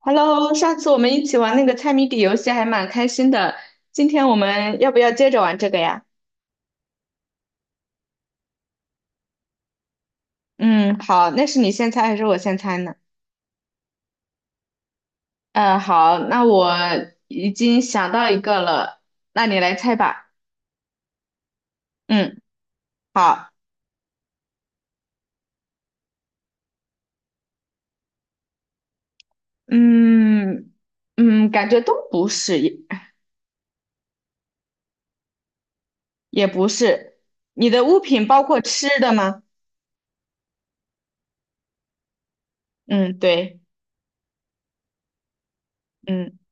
Hello，上次我们一起玩那个猜谜底游戏还蛮开心的，今天我们要不要接着玩这个呀？嗯，好，那是你先猜还是我先猜呢？好，那我已经想到一个了，那你来猜吧。嗯，好，嗯嗯，感觉都不是，也不是。你的物品包括吃的吗？嗯，对，嗯。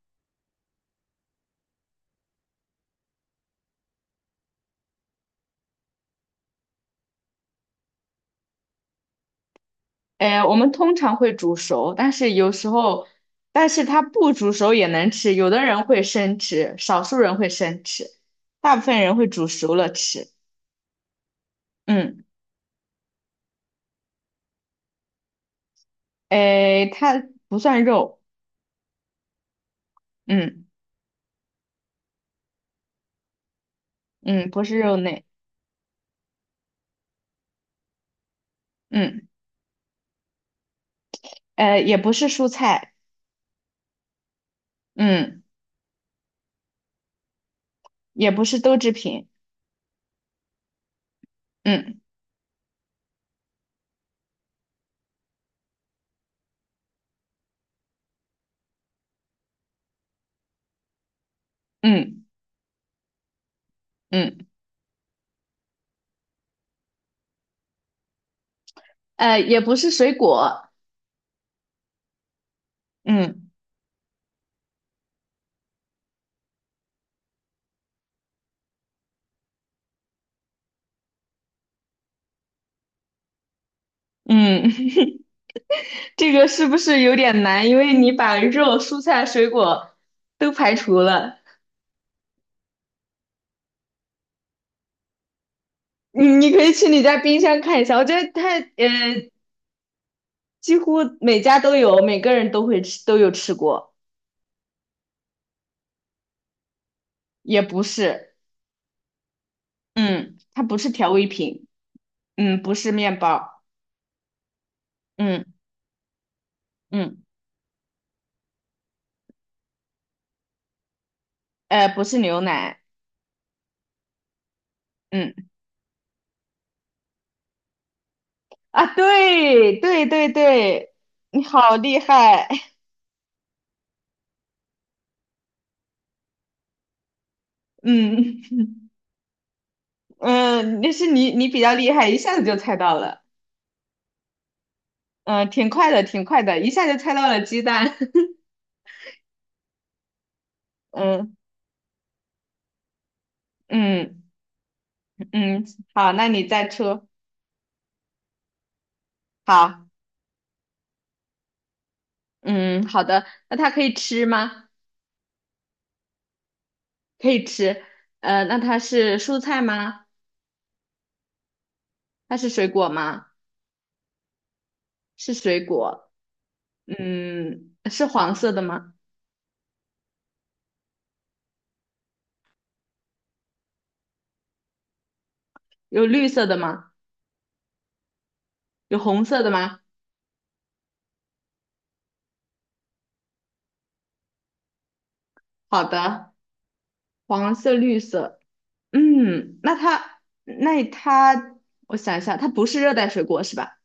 哎，我们通常会煮熟，但是有时候，但是它不煮熟也能吃。有的人会生吃，少数人会生吃，大部分人会煮熟了吃。嗯，哎，它不算肉，嗯嗯，不是肉类，嗯，也不是蔬菜，嗯，也不是豆制品，嗯嗯嗯，也不是水果，嗯嗯，这个是不是有点难？因为你把肉、蔬菜、水果都排除了。你可以去你家冰箱看一下，我觉得它几乎每家都有，每个人都会吃，都有吃过，也不是，嗯，它不是调味品，嗯，不是面包，嗯嗯，不是牛奶，嗯啊，对对对对，你好厉害，嗯嗯，那是你比较厉害，一下子就猜到了，嗯，挺快的，挺快的，一下就猜到了鸡蛋，嗯嗯嗯，好，那你再出，好。嗯，好的。那它可以吃吗？可以吃。那它是蔬菜吗？它是水果吗？是水果。嗯，是黄色的吗？有绿色的吗？有红色的吗？好的，黄色、绿色。嗯，那它，那它，我想一下，它不是热带水果是吧？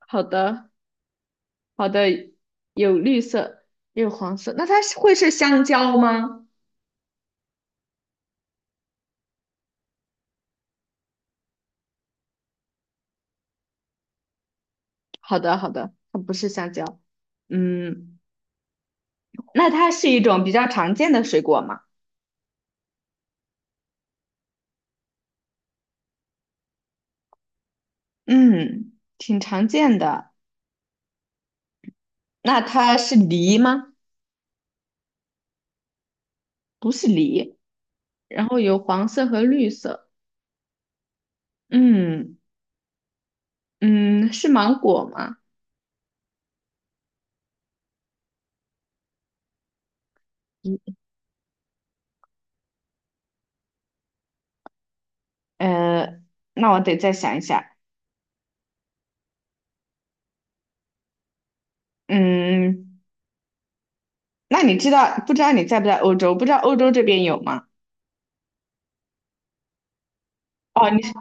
好的，好的，有绿色，也有黄色。那它是会是香蕉吗？好的，好的，它不是香蕉。嗯。那它是一种比较常见的水果吗？嗯，挺常见的。那它是梨吗？不是梨，然后有黄色和绿色。嗯嗯，是芒果吗？嗯呃，那我得再想一下。嗯，那你知道不知道你在不在欧洲？不知道欧洲这边有吗？哦，你是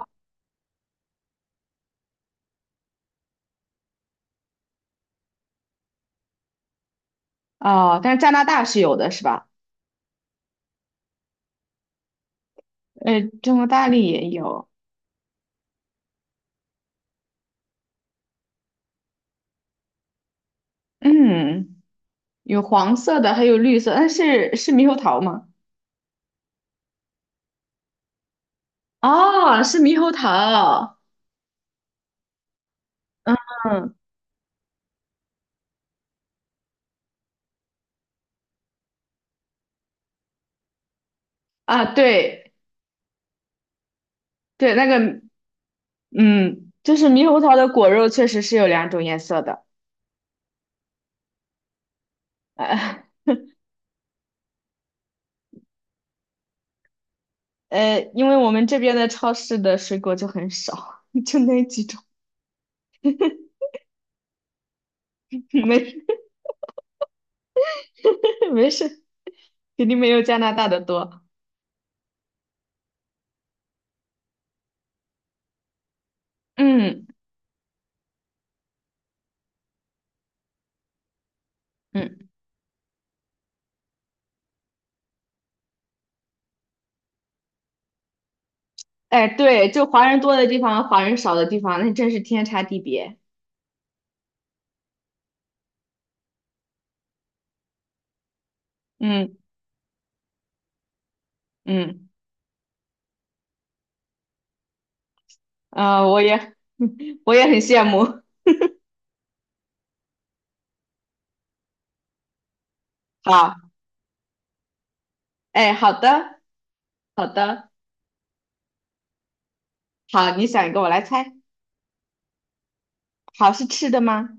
哦，但是加拿大是有的，是吧？中国大陆也有。嗯，有黄色的，还有绿色。但是是猕猴桃吗？哦，是猕猴桃，嗯啊，对对，那个嗯，就是猕猴桃的果肉确实是有两种颜色的，呃因为我们这边的超市的水果就很少，就那几种，没事没事，肯定没有加拿大的多，嗯嗯，哎，对，就华人多的地方，华人少的地方，那真是天差地别，嗯嗯，啊，我也 我也很羡慕，好，哎，好的好的。好，你想一个，我来猜。好，是吃的吗？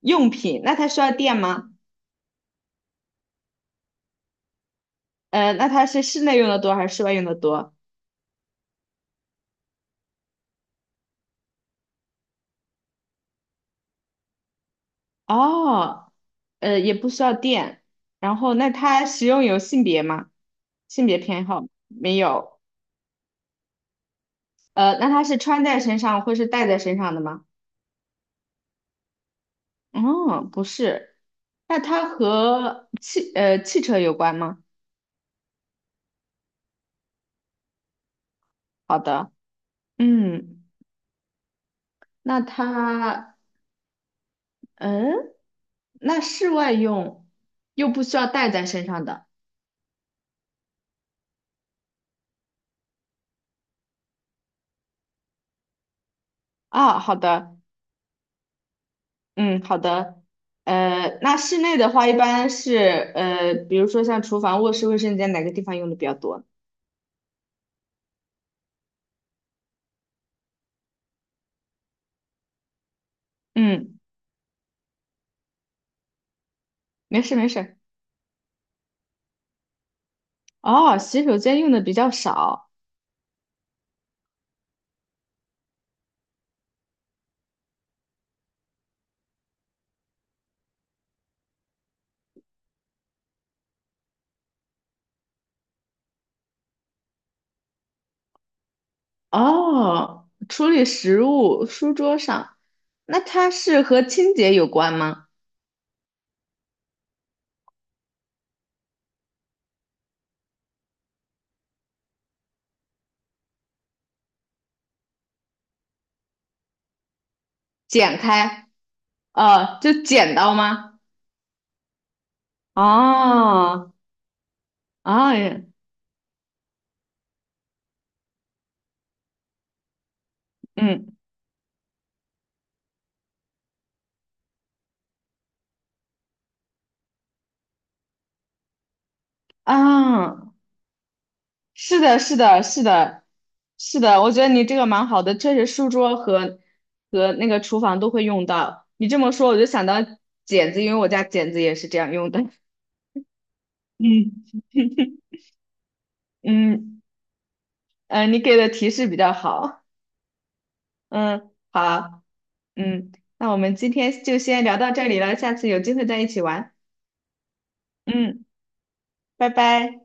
用品，那它需要电吗？那它是室内用的多还是室外用的多？哦，也不需要电。然后，那它使用有性别吗？性别偏好没有。那它是穿在身上或是戴在身上的吗？哦，不是。那它和汽车有关吗？好的，嗯，那它嗯，那室外用又不需要带在身上的。啊，好的，嗯，好的，那室内的话，一般是比如说像厨房、卧室、卫生间哪个地方用的比较多？嗯，没事没事。哦，洗手间用的比较少。哦，处理食物，书桌上，那它是和清洁有关吗？剪开，就剪刀吗？哦，哦，嗯，嗯啊。是的，是的，是的，是的，我觉得你这个蛮好的，确实书桌和那个厨房都会用到。你这么说，我就想到剪子，因为我家剪子也是这样用的。嗯嗯你给的提示比较好。嗯，好，嗯，那我们今天就先聊到这里了，下次有机会再一起玩。嗯，拜拜。